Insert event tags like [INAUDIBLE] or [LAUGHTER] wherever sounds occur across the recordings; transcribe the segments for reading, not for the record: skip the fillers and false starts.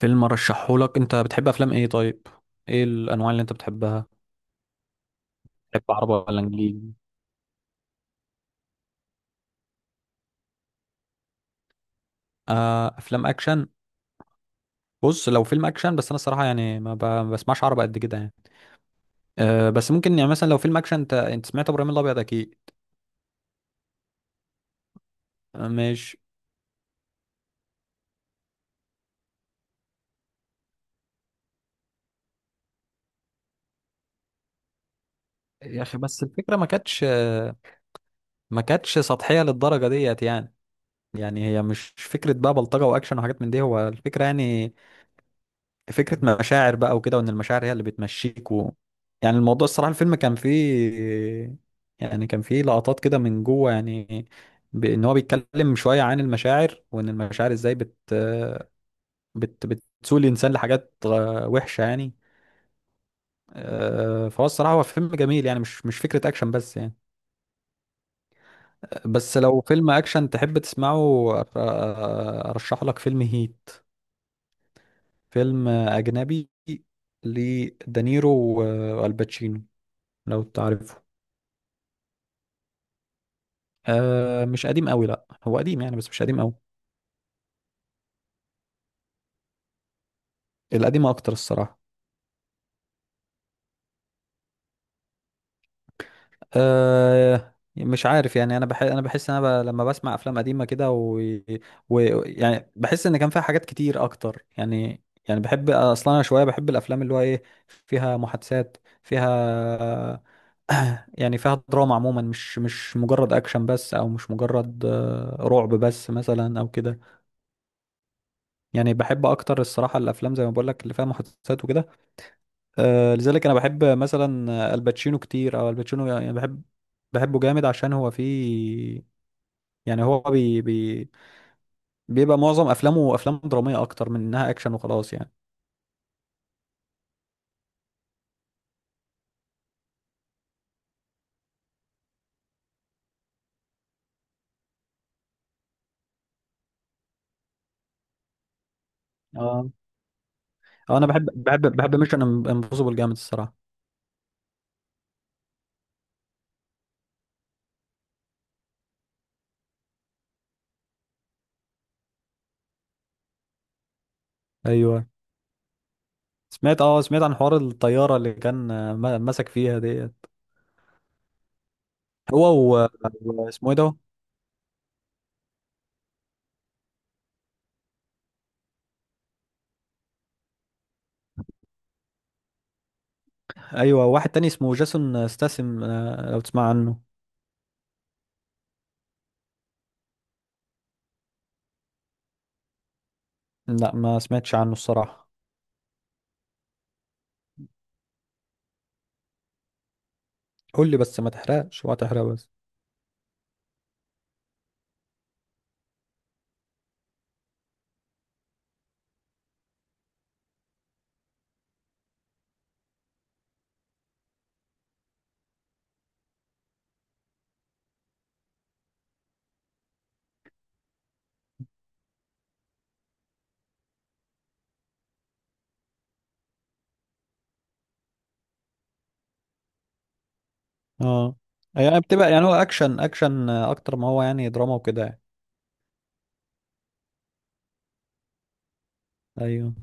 فيلم ارشحهولك، انت بتحب افلام ايه؟ طيب ايه الانواع اللي انت بتحبها؟ بتحب عربي ولا انجليزي؟ آه، افلام اكشن. بص، لو فيلم اكشن بس انا الصراحه يعني ما بسمعش عربي قد كده يعني. آه بس ممكن يعني مثلا لو فيلم اكشن انت سمعت ابراهيم الابيض اكيد. ماشي. يا اخي بس الفكره ما كانتش سطحيه للدرجه ديت يعني. يعني هي مش فكره بقى بلطجه واكشن وحاجات من دي، هو الفكره يعني. فكرة مشاعر بقى وكده، وان المشاعر هي اللي بتمشيك يعني الموضوع الصراحة الفيلم كان فيه، يعني كان فيه لقطات كده من جوه يعني. بان هو بيتكلم شوية عن المشاعر، وان المشاعر ازاي بت بت بتسوق الانسان لحاجات وحشة يعني. فهو الصراحة هو فيلم جميل يعني، مش فكرة اكشن بس يعني. بس لو فيلم اكشن تحب تسمعه ارشح لك فيلم هيت. فيلم اجنبي، لدانيرو والباتشينو، لو تعرفه. آه مش قديم قوي، لا هو قديم يعني بس مش قديم قوي. القديم اكتر الصراحه. آه مش عارف يعني، انا بحس لما بسمع افلام قديمه كده و... و يعني بحس ان كان فيها حاجات كتير اكتر يعني. يعني بحب اصلا انا شويه بحب الافلام اللي هو ايه، فيها محادثات، فيها [CLEARS THROAT] يعني فيها دراما عموما، مش مجرد اكشن بس، او مش مجرد رعب بس مثلا او كده. يعني بحب اكتر الصراحه الافلام زي ما بقول لك اللي فيها محادثات وكده. لذلك انا بحب مثلا الباتشينو كتير، او الباتشينو يعني بحب، بحبه جامد عشان هو فيه، يعني هو بي بي بيبقى معظم افلامه افلام دراميه اكتر من انها اكشن وخلاص يعني. اه اه، انا بحب ميشن امبوسيبل جامد الصراحه. ايوه سمعت، اه سمعت عن حوار الطياره اللي كان، مسك فيها ديت هو و... واسمه ايه ده. ايوه واحد تاني اسمه جاسون ستاسم، لو تسمع عنه. لا ما سمعتش عنه الصراحه. قول لي بس ما تحرقش ولا تحرق بس. اه يعني بتبقى، يعني هو اكشن اكشن اكتر ما هو يعني دراما وكده يعني. ايوه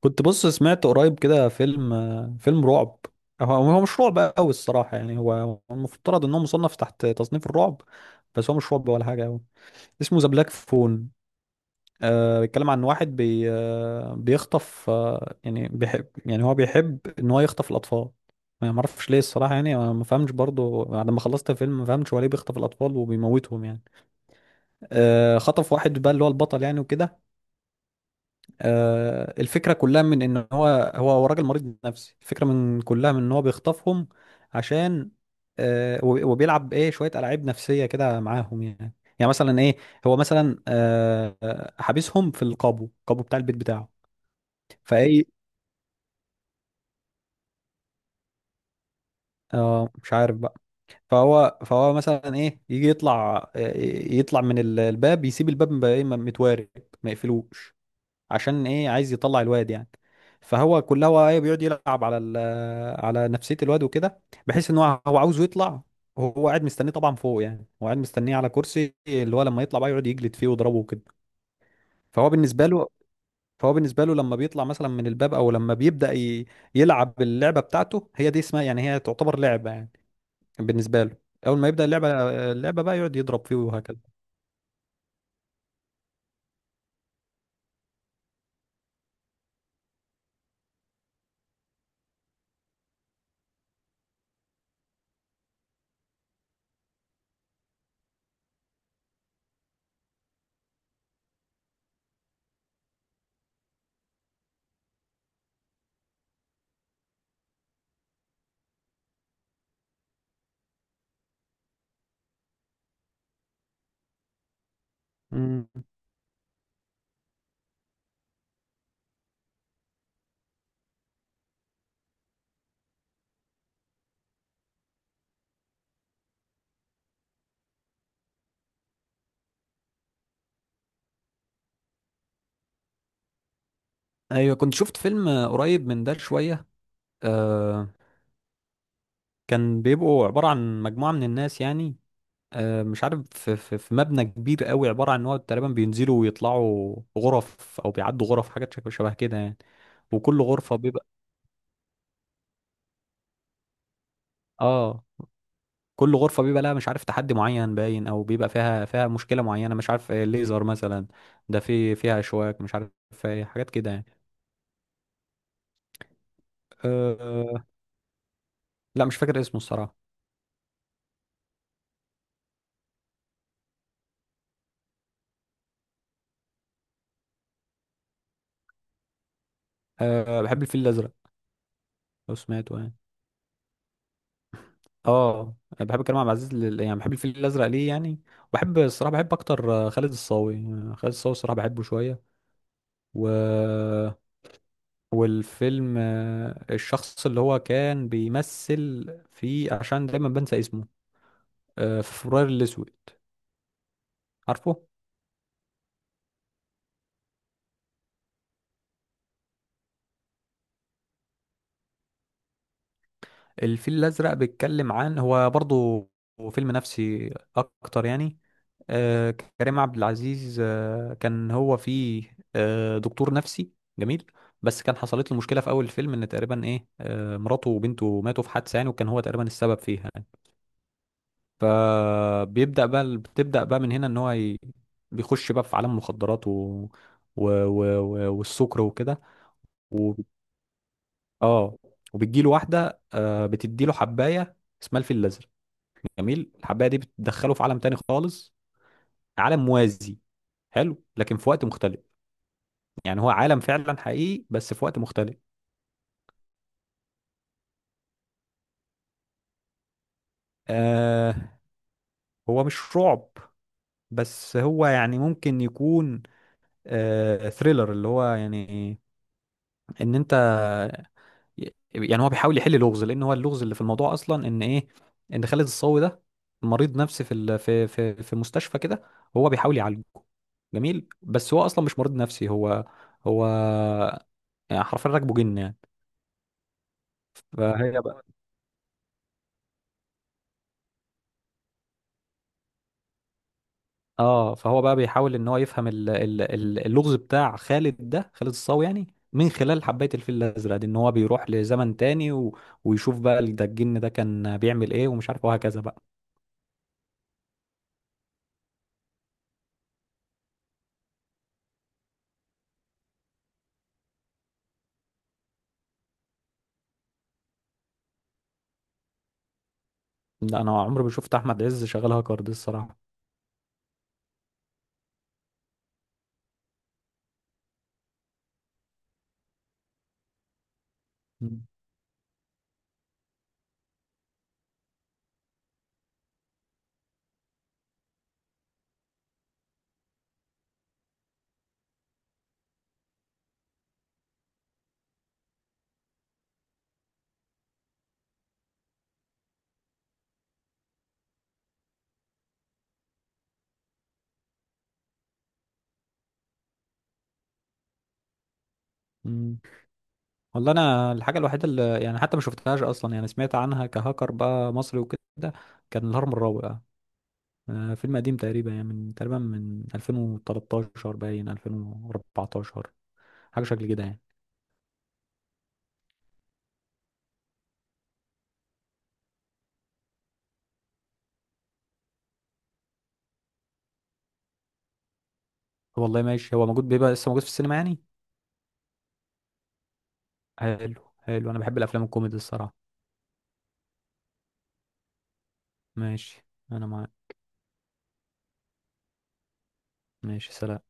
كنت بص سمعت قريب كده فيلم، فيلم رعب. هو هو مش رعب قوي الصراحه يعني، هو المفترض ان هو مصنف تحت تصنيف الرعب، بس هو مش رعب ولا حاجه قوي. اسمه ذا بلاك فون. آه بيتكلم عن واحد بي بيخطف، آه يعني بيحب، يعني هو بيحب ان هو يخطف الاطفال. ما اعرفش ليه الصراحه يعني، أنا ما فهمش برضو بعد ما خلصت الفيلم ما فهمتش هو ليه بيخطف الاطفال وبيموتهم يعني. خطف واحد بقى اللي هو البطل يعني وكده. الفكرة كلها من ان هو راجل مريض نفسي، الفكرة من كلها من ان هو بيخطفهم عشان، وبيلعب ايه شوية ألعاب نفسية كده معاهم يعني. يعني مثلا ايه، هو مثلا حابسهم في القابو بتاع البيت بتاعه. فايه اه مش عارف بقى. فهو مثلا ايه يجي يطلع، يطلع من الباب، يسيب الباب بقى متوارب، ما يقفلوش، عشان ايه عايز يطلع الواد يعني. فهو كلها هو ايه بيقعد يلعب على على نفسية الواد وكده، بحيث ان هو عاوزه يطلع. هو قاعد مستنيه طبعا فوق يعني، هو قاعد مستنيه على كرسي، اللي هو لما يطلع بقى يقعد يجلد فيه ويضربه وكده. فهو بالنسبة له، فهو بالنسبة له لما بيطلع مثلا من الباب، او لما بيبدأ يلعب اللعبة بتاعته، هي دي اسمها يعني، هي تعتبر لعبة يعني بالنسبة له. اول ما يبدأ اللعبة، اللعبة بقى يقعد يضرب فيه وهكذا. مم. ايوه كنت شفت فيلم قريب من ده شوية، كان بيبقوا عبارة عن مجموعة من الناس يعني، مش عارف في مبنى كبير قوي عبارة عن ان هو تقريبا بينزلوا ويطلعوا غرف او بيعدوا غرف، حاجات شبه كده يعني. وكل غرفة بيبقى، اه كل غرفة بيبقى لها مش عارف تحدي معين باين، او بيبقى فيها مشكلة معينة، مش عارف ليزر مثلا، ده في فيها اشواك، مش عارف، حاجات كده يعني. أه لا مش فاكر اسمه الصراحة. أه بحب الفيل الازرق لو سمعته يعني. اه انا بحب كريم عبد العزيز لل... يعني بحب الفيل الازرق ليه يعني. بحب الصراحه بحب اكتر خالد الصاوي، خالد الصاوي الصراحه بحبه شويه. و والفيلم، الشخص اللي هو كان بيمثل فيه، عشان دايما بنسى اسمه، في فبراير الاسود، عارفه. الفيل الأزرق بيتكلم عن، هو برضو فيلم نفسي أكتر يعني. آه، كريم عبد العزيز كان هو فيه دكتور نفسي جميل، بس كان حصلت له مشكلة في أول الفيلم إن تقريبا إيه مراته وبنته ماتوا في حادثة يعني، وكان هو تقريبا السبب فيها يعني. فبيبدأ بقى بتبدأ بقى من هنا إن هو بيخش بقى في عالم مخدرات والسكر وكده و... اه. وبتجيله واحدة بتديله حباية اسمها الفيل الأزرق جميل. الحبايه دي بتدخله في عالم تاني خالص، عالم موازي حلو، لكن في وقت مختلف. يعني هو عالم فعلا حقيقي بس في وقت مختلف. آه، هو مش رعب، بس هو يعني ممكن يكون، آه ثريلر اللي هو يعني، ان انت، يعني هو بيحاول يحل لغز، لان هو اللغز اللي في الموضوع اصلا ان ايه، ان خالد الصاوي ده مريض نفسي في ال... في مستشفى كده، هو بيحاول يعالجه جميل، بس هو اصلا مش مريض نفسي، هو هو يعني حرفيا راكبه جن يعني. فهي بقى، اه فهو بقى بيحاول ان هو يفهم ال... ال... اللغز بتاع خالد ده، خالد الصاوي يعني، من خلال حبايه الفيل الازرق دي، ان هو بيروح لزمن تاني ويشوف بقى ده الجن ده كان بيعمل ايه ومش عارف وهكذا بقى. لا انا عمري ما شفت احمد عز شغال هاكر دي الصراحه. مم. مم. والله انا الحاجه الوحيده اللي يعني حتى ما شفتهاش اصلا يعني سمعت عنها كهاكر بقى مصري وكده، كان الهرم الرابع. فيلم قديم تقريبا يعني من تقريبا من 2013 باين 2014، حاجه شكل كده يعني. والله ماشي، هو موجود بيبقى لسه موجود في السينما يعني؟ حلو حلو، انا بحب الافلام الكوميدي الصراحه. ماشي انا معاك. ماشي سلام.